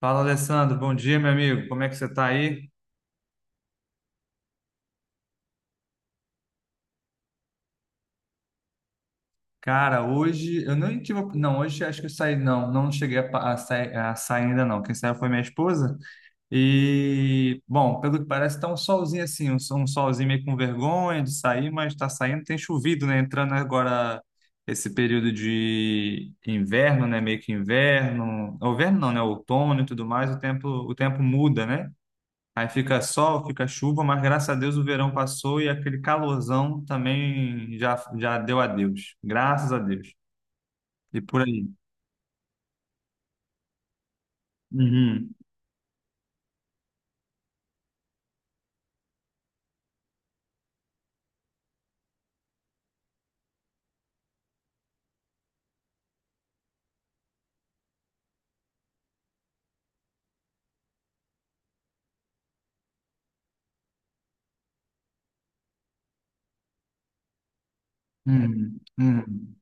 Fala, Alessandro. Bom dia, meu amigo. Como é que você tá aí? Cara, hoje eu não tive. Não, hoje acho que eu saí. Não, não cheguei a sair ainda, não. Quem saiu foi minha esposa. E, bom, pelo que parece, tá um solzinho assim, um solzinho meio com vergonha de sair, mas tá saindo. Tem chovido, né? Entrando agora esse período de inverno, né? Meio que inverno. Inverno não, né? Outono e tudo mais. O tempo muda, né? Aí fica sol, fica chuva, mas graças a Deus o verão passou e aquele calorzão também já deu adeus. Graças a Deus. E por aí. Uhum, uhum, uhum.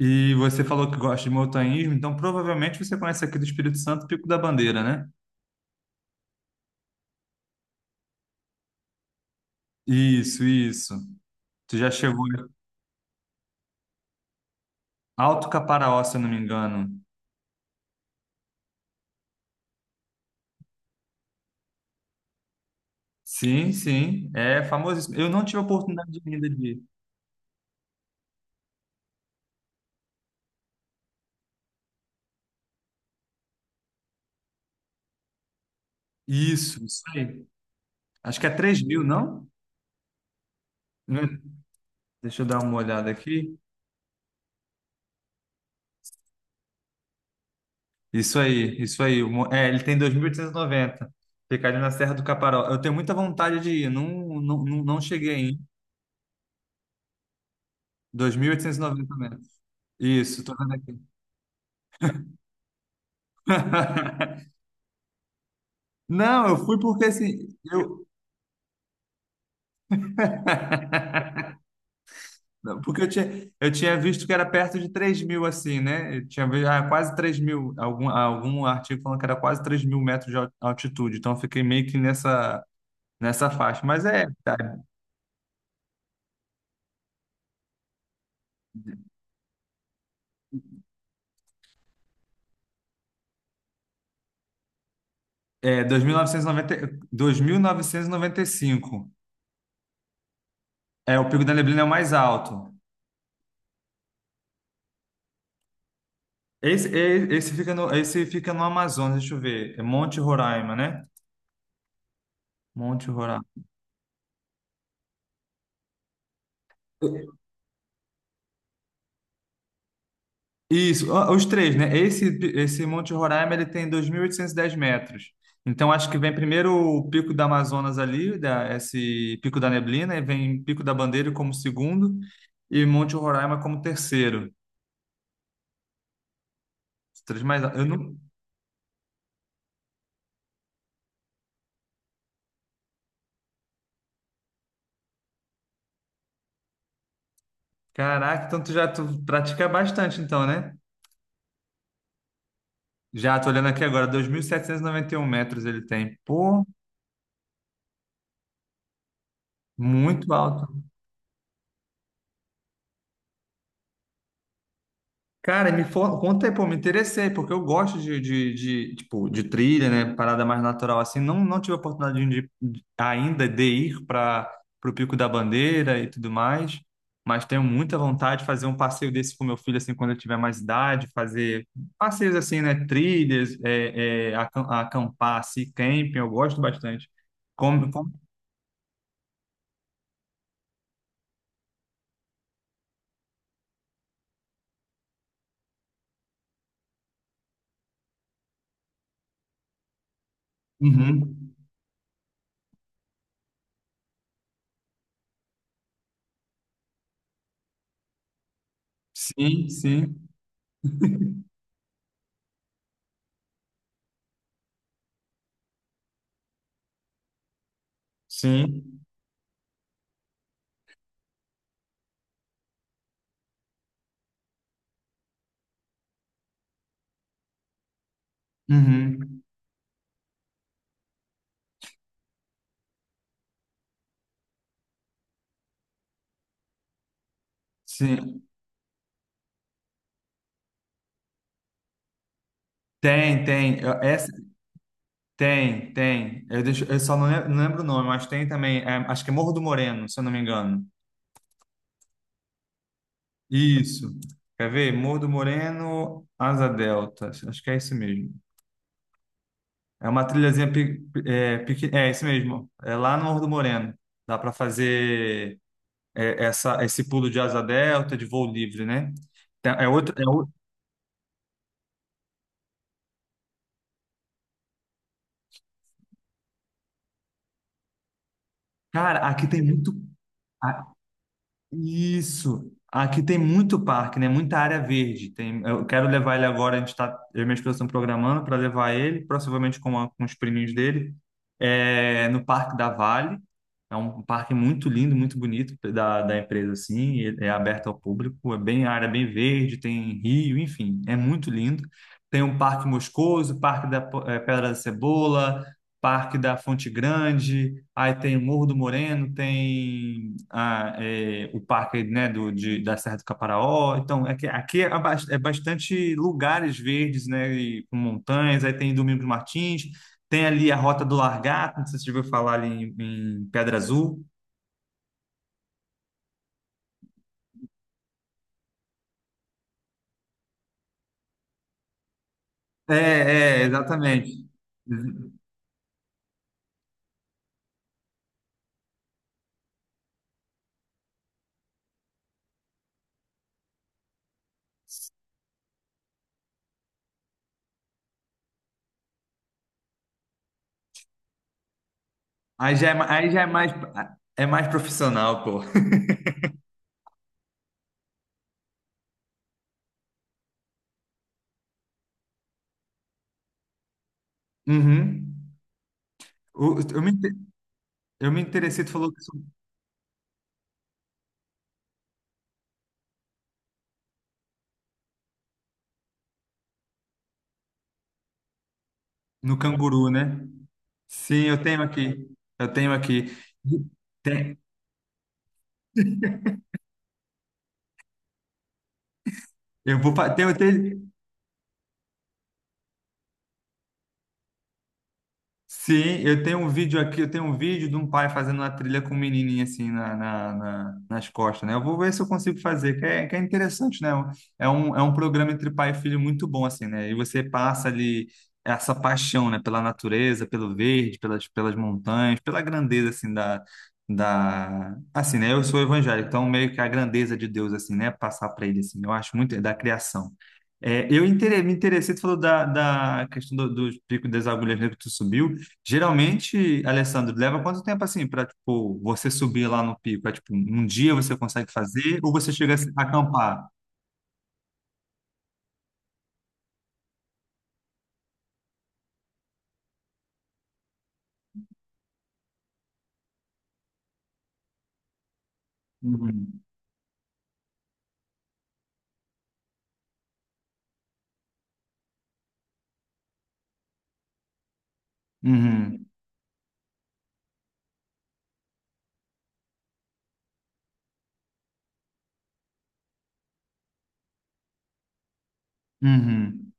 E você falou que gosta de montanhismo, então provavelmente você conhece aqui do Espírito Santo, Pico da Bandeira, né? Isso, isso. Tu já chegou em Alto Caparaó, se eu não me engano. Sim, sim, é famosíssimo. Eu não tive a oportunidade ainda de ir. Isso aí. Acho que é 3.000, não? Não é? Deixa eu dar uma olhada aqui. Isso aí, isso aí. É, ele tem 2.890. Fica ali na Serra do Caparó. Eu tenho muita vontade de ir. Não, não, não cheguei em 2.890 metros. Isso, tô vendo aqui. Não, eu fui porque assim, eu Não, porque eu tinha visto que era perto de 3.000, assim, né? Eu tinha visto, ah, quase 3.000. Algum artigo falando que era quase 3.000 metros de altitude. Então, eu fiquei meio que nessa faixa. Mas é, tá, é, 2.990, 2.995. É, o Pico da Neblina é o mais alto. Esse fica no Amazonas, deixa eu ver. É Monte Roraima, né? Monte Roraima. Isso, ó, os três, né? Esse Monte Roraima, ele tem 2.810 metros. Então, acho que vem primeiro o Pico da Amazonas ali, esse Pico da Neblina, e vem Pico da Bandeira como segundo e Monte Roraima como terceiro. Os três mais. Eu não. Caraca, então tu pratica bastante, então, né? Já, tô olhando aqui agora, dois mil setecentos e noventa e um metros ele tem. Pô, muito alto. Cara, conta aí, pô, me interessei, porque eu gosto de, tipo, de trilha, né? Parada mais natural assim. Não, não tive a oportunidade de, ainda de ir para o Pico da Bandeira e tudo mais, mas tenho muita vontade de fazer um passeio desse com meu filho, assim, quando ele tiver mais idade, fazer passeios assim, né? Trilhas, acampar, assim, camping, eu gosto bastante. Como. Uhum. Sim, sim. Sim. Uhum. Sim. Tem, tem. Essa, tem, tem. Eu só não lembro o nome, mas tem também. Acho que é Morro do Moreno, se eu não me engano. Isso. Quer ver? Morro do Moreno, Asa Delta. Acho que é isso mesmo. É uma trilhazinha é isso mesmo. É lá no Morro do Moreno. Dá para fazer esse pulo de asa delta, de voo livre, né? Então, é outro, é outro. Cara, aqui tem muito. Isso. Aqui tem muito parque, né? Muita área verde. Tem, eu quero levar ele agora. A gente tá, eu e minha esposa estão programando para levar ele, provavelmente com os priminhos dele, no Parque da Vale. É um parque muito lindo, muito bonito da empresa, assim. Ele é aberto ao público, é bem área é bem verde, tem rio, enfim, é muito lindo. Tem um Parque Moscoso, Parque da Pedra da Cebola, Parque da Fonte Grande. Aí tem o Morro do Moreno, tem o parque, né, da Serra do Caparaó. Então, é que aqui é, é bastante lugares verdes, né, e com montanhas. Aí tem Domingos Martins, tem ali a Rota do Largato, não sei se você já ouviu falar ali em Pedra Azul. É, é, exatamente. Aí já é, ma- aí já é mais profissional, pô. Uhum. O- Eu, me, inte- eu me interessei, tu falou que isso- no canguru, né? Sim, eu tenho aqui. Eu tenho aqui. Tem, tenho, sim, eu tenho um vídeo aqui, eu tenho um vídeo de um pai fazendo uma trilha com um menininho assim nas costas, né? Eu vou ver se eu consigo fazer, que é interessante, né? É um programa entre pai e filho muito bom, assim, né? E você passa ali essa paixão, né? Pela natureza, pelo verde, pelas montanhas, pela grandeza, assim, da. Assim, né? Eu sou evangélico, então meio que a grandeza de Deus, assim, né? Passar para ele, assim, eu acho muito, é da criação. É, me interessei, tu falou da questão dos picos das agulhas negras que tu subiu. Geralmente, Alessandro, leva quanto tempo assim para tipo você subir lá no pico? É tipo um dia você consegue fazer ou você chega a a acampar? Uhum. Uhum. Uhum.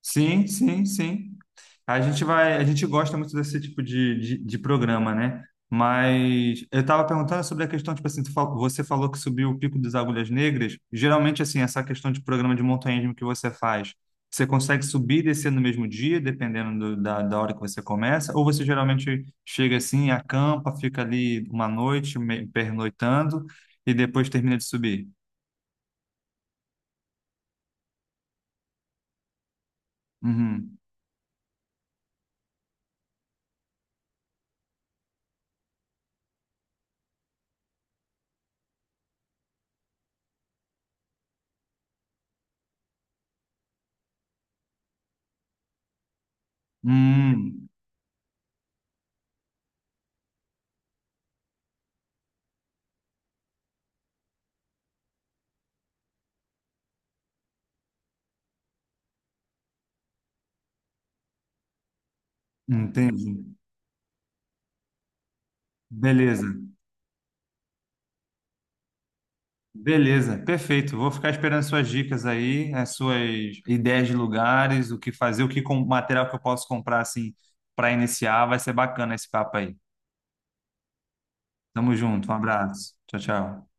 Sim, sim, sim. A gente gosta muito desse tipo de programa, né? Mas eu estava perguntando sobre a questão, tipo assim, você falou que subiu o Pico das Agulhas Negras. Geralmente, assim, essa questão de programa de montanhismo que você faz, você consegue subir e descer no mesmo dia, dependendo da hora que você começa? Ou você geralmente chega assim, acampa, fica ali uma noite, pernoitando, e depois termina de subir? Uhum. Hum, Entendi. Beleza. Beleza, perfeito. Vou ficar esperando suas dicas aí, as suas ideias de lugares, o que fazer, o que com material que eu posso comprar assim para iniciar. Vai ser bacana esse papo aí. Tamo junto, um abraço. Tchau, tchau.